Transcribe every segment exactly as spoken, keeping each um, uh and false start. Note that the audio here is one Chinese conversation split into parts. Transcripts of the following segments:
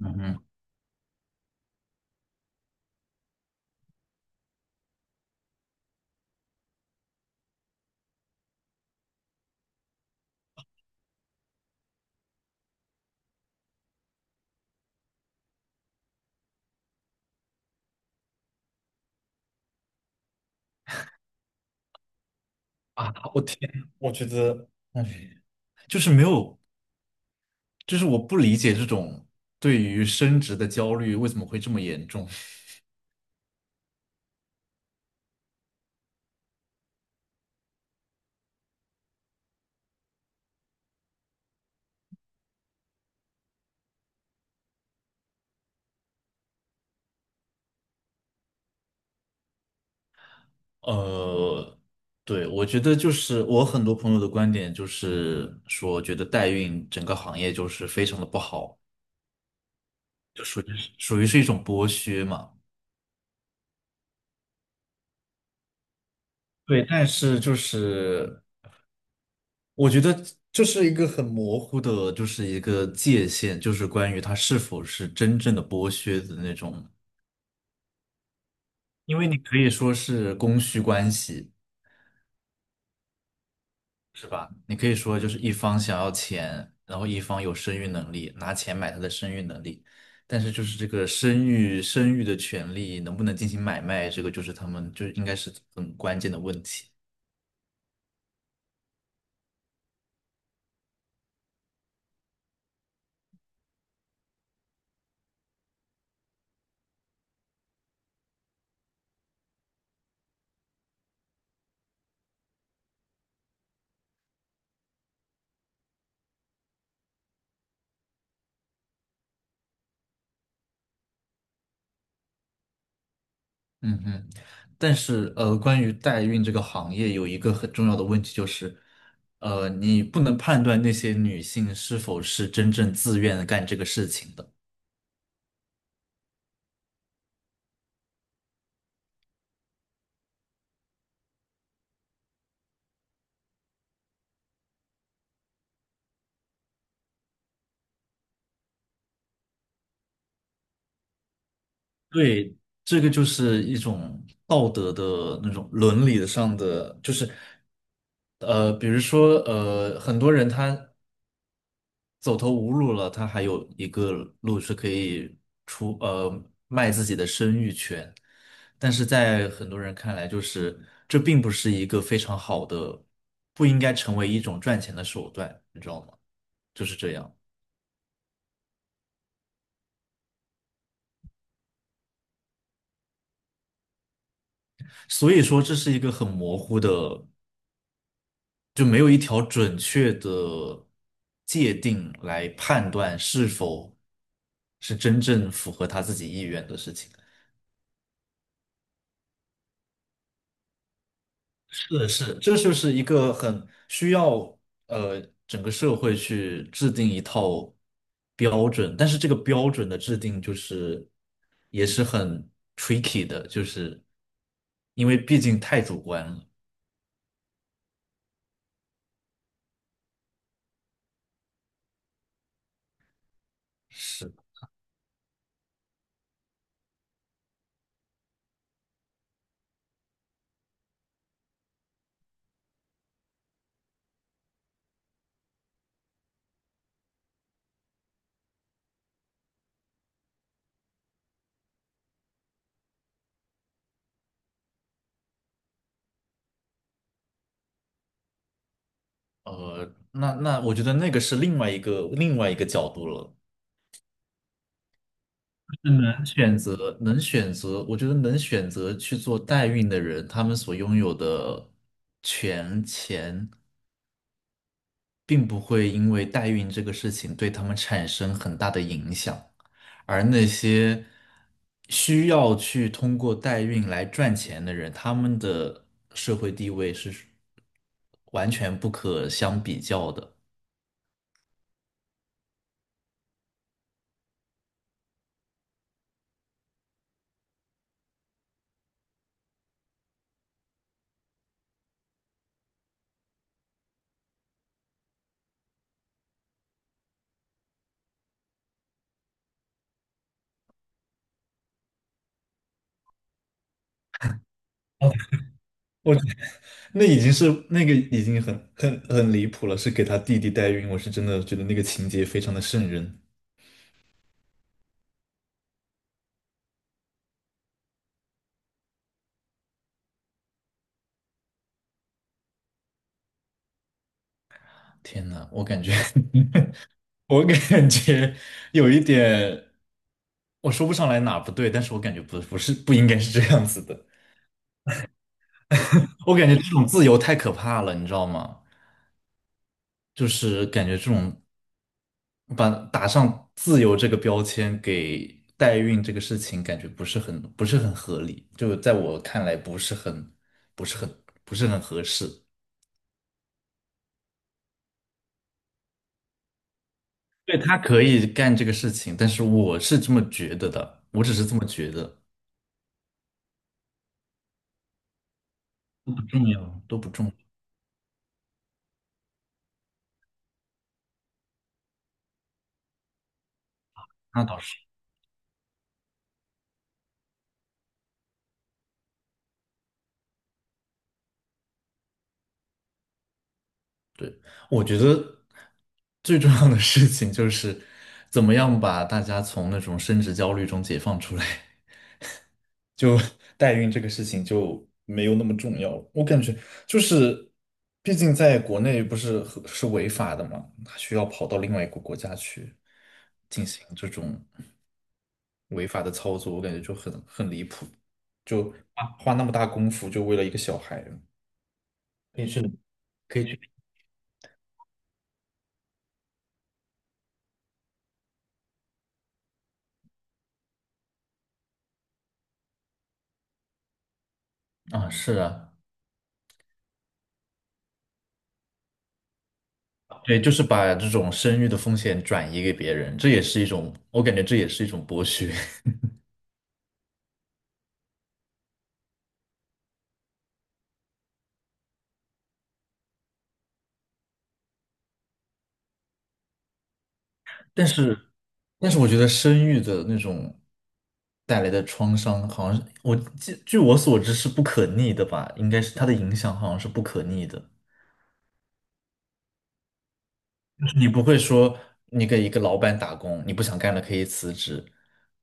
嗯哼。啊！我天，我觉得，嗯，就是没有，就是我不理解这种对于升职的焦虑为什么会这么严重。呃，对，我觉得就是我很多朋友的观点就是说，觉得代孕整个行业就是非常的不好，就属于属于是一种剥削嘛。对，但是就是我觉得这是一个很模糊的，就是一个界限，就是关于它是否是真正的剥削的那种。因为你可以说是供需关系，是吧？你可以说就是一方想要钱，然后一方有生育能力，拿钱买他的生育能力，但是就是这个生育生育的权利能不能进行买卖，这个就是他们就应该是很关键的问题。嗯嗯。但是呃，关于代孕这个行业有一个很重要的问题就是，呃，你不能判断那些女性是否是真正自愿干这个事情的。对，这个就是一种道德的那种伦理上的，就是呃，比如说呃，很多人他走投无路了，他还有一个路是可以出呃卖自己的生育权，但是在很多人看来，就是这并不是一个非常好的，不应该成为一种赚钱的手段，你知道吗？就是这样，所以说这是一个很模糊的。就没有一条准确的界定来判断是否是真正符合他自己意愿的事情。是是，这就是一个很需要，呃整个社会去制定一套标准，但是这个标准的制定就是也是很 tricky 的，就是因为毕竟太主观了。是，呃，那那我觉得那个是另外一个另外一个角度了。能选择，能选择，我觉得能选择去做代孕的人，他们所拥有的权钱，并不会因为代孕这个事情对他们产生很大的影响，而那些需要去通过代孕来赚钱的人，他们的社会地位是完全不可相比较的。我。那已经是那个已经很很很离谱了，是给他弟弟代孕，我是真的觉得那个情节非常的瘆人。天呐，我感觉 我感觉有一点，我说不上来哪不对，但是我感觉不不是不应该是这样子的。我感觉这种自由太可怕了，你知道吗？就是感觉这种把打上自由这个标签给代孕这个事情，感觉不是很不是很合理，就在我看来不是很不是很不是很合适。对，他可以干这个事情，但是我是这么觉得的，我只是这么觉得，都不重要，都不重要。那倒是，对，我觉得最重要的事情就是怎么样把大家从那种升职焦虑中解放出来，就代孕这个事情就没有那么重要了我感觉，就是，毕竟在国内不是和是违法的嘛，他需要跑到另外一个国家去进行这种。违法的操作，我感觉就很很离谱，就花花那么大功夫就为了一个小孩可以去，可以去。啊，是啊。对，就是把这种生育的风险转移给别人，这也是一种，我感觉这也是一种剥削。但是但是我觉得生育的那种带来的创伤，好像是我据据我所知是不可逆的吧？应该是它的影响好像是不可逆的。你不会说你给一个老板打工，你不想干了可以辞职，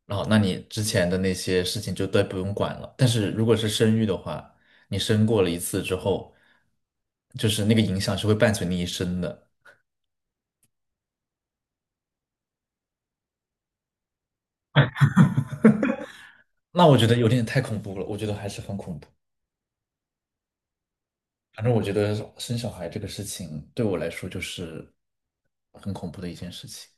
然后那你之前的那些事情就都不用管了。但是如果是生育的话，你生过了一次之后，就是那个影响是会伴随你一生的。那我觉得有点太恐怖了，我觉得还是很恐怖。反正我觉得生小孩这个事情对我来说就是很恐怖的一件事情。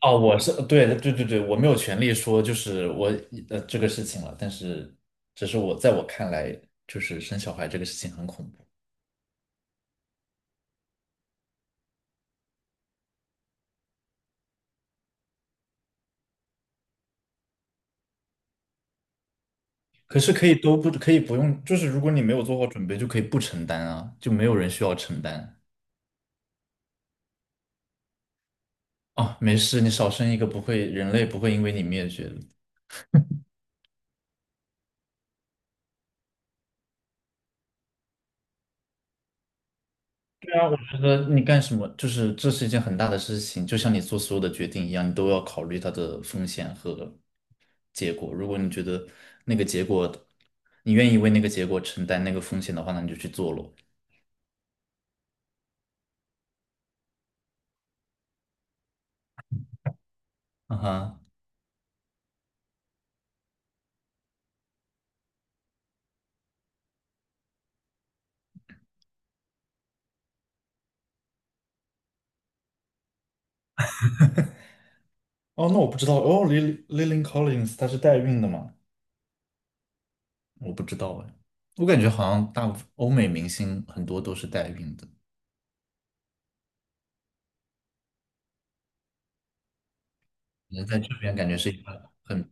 哦，我是对对对对，我没有权利说就是我呃这个事情了，但是只是我在我看来，就是生小孩这个事情很恐怖，可是可以都不可以不用，就是如果你没有做好准备，就可以不承担啊，就没有人需要承担。哦，没事，你少生一个不会，人类不会因为你灭绝的。对啊，我觉得你干什么，就是这是一件很大的事情，就像你做所有的决定一样，你都要考虑它的风险和结果。如果你觉得那个结果，你愿意为那个结果承担那个风险的话，那你就去做咯。啊哈。哦，那我不知道，哦，Lily Lily Collins 她是代孕的吗？我不知道哎，我感觉好像大部分欧美明星很多都是代孕的，人在这边感觉是一个很。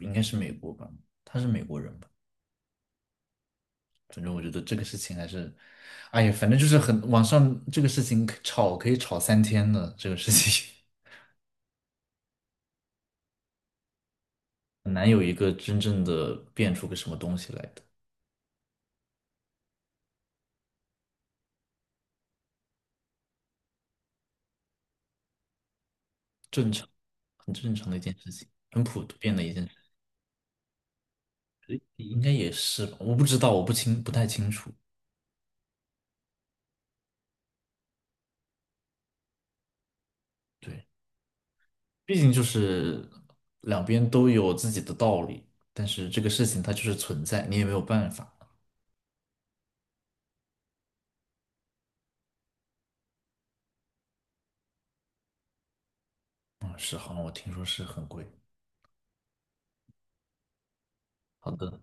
应该是美国吧，她是美国人吧。反正我觉得这个事情还是，哎呀，反正就是很，网上这个事情可吵可以吵三天的，这个事情 很难有一个真正的变出个什么东西来的。正常，很正常的一件事情，很普遍的一件事情，应该也是吧，我不知道，我不清，不太清楚，对，毕竟就是两边都有自己的道理，但是这个事情它就是存在，你也没有办法。嗯，是，好像我听说是很贵。好的。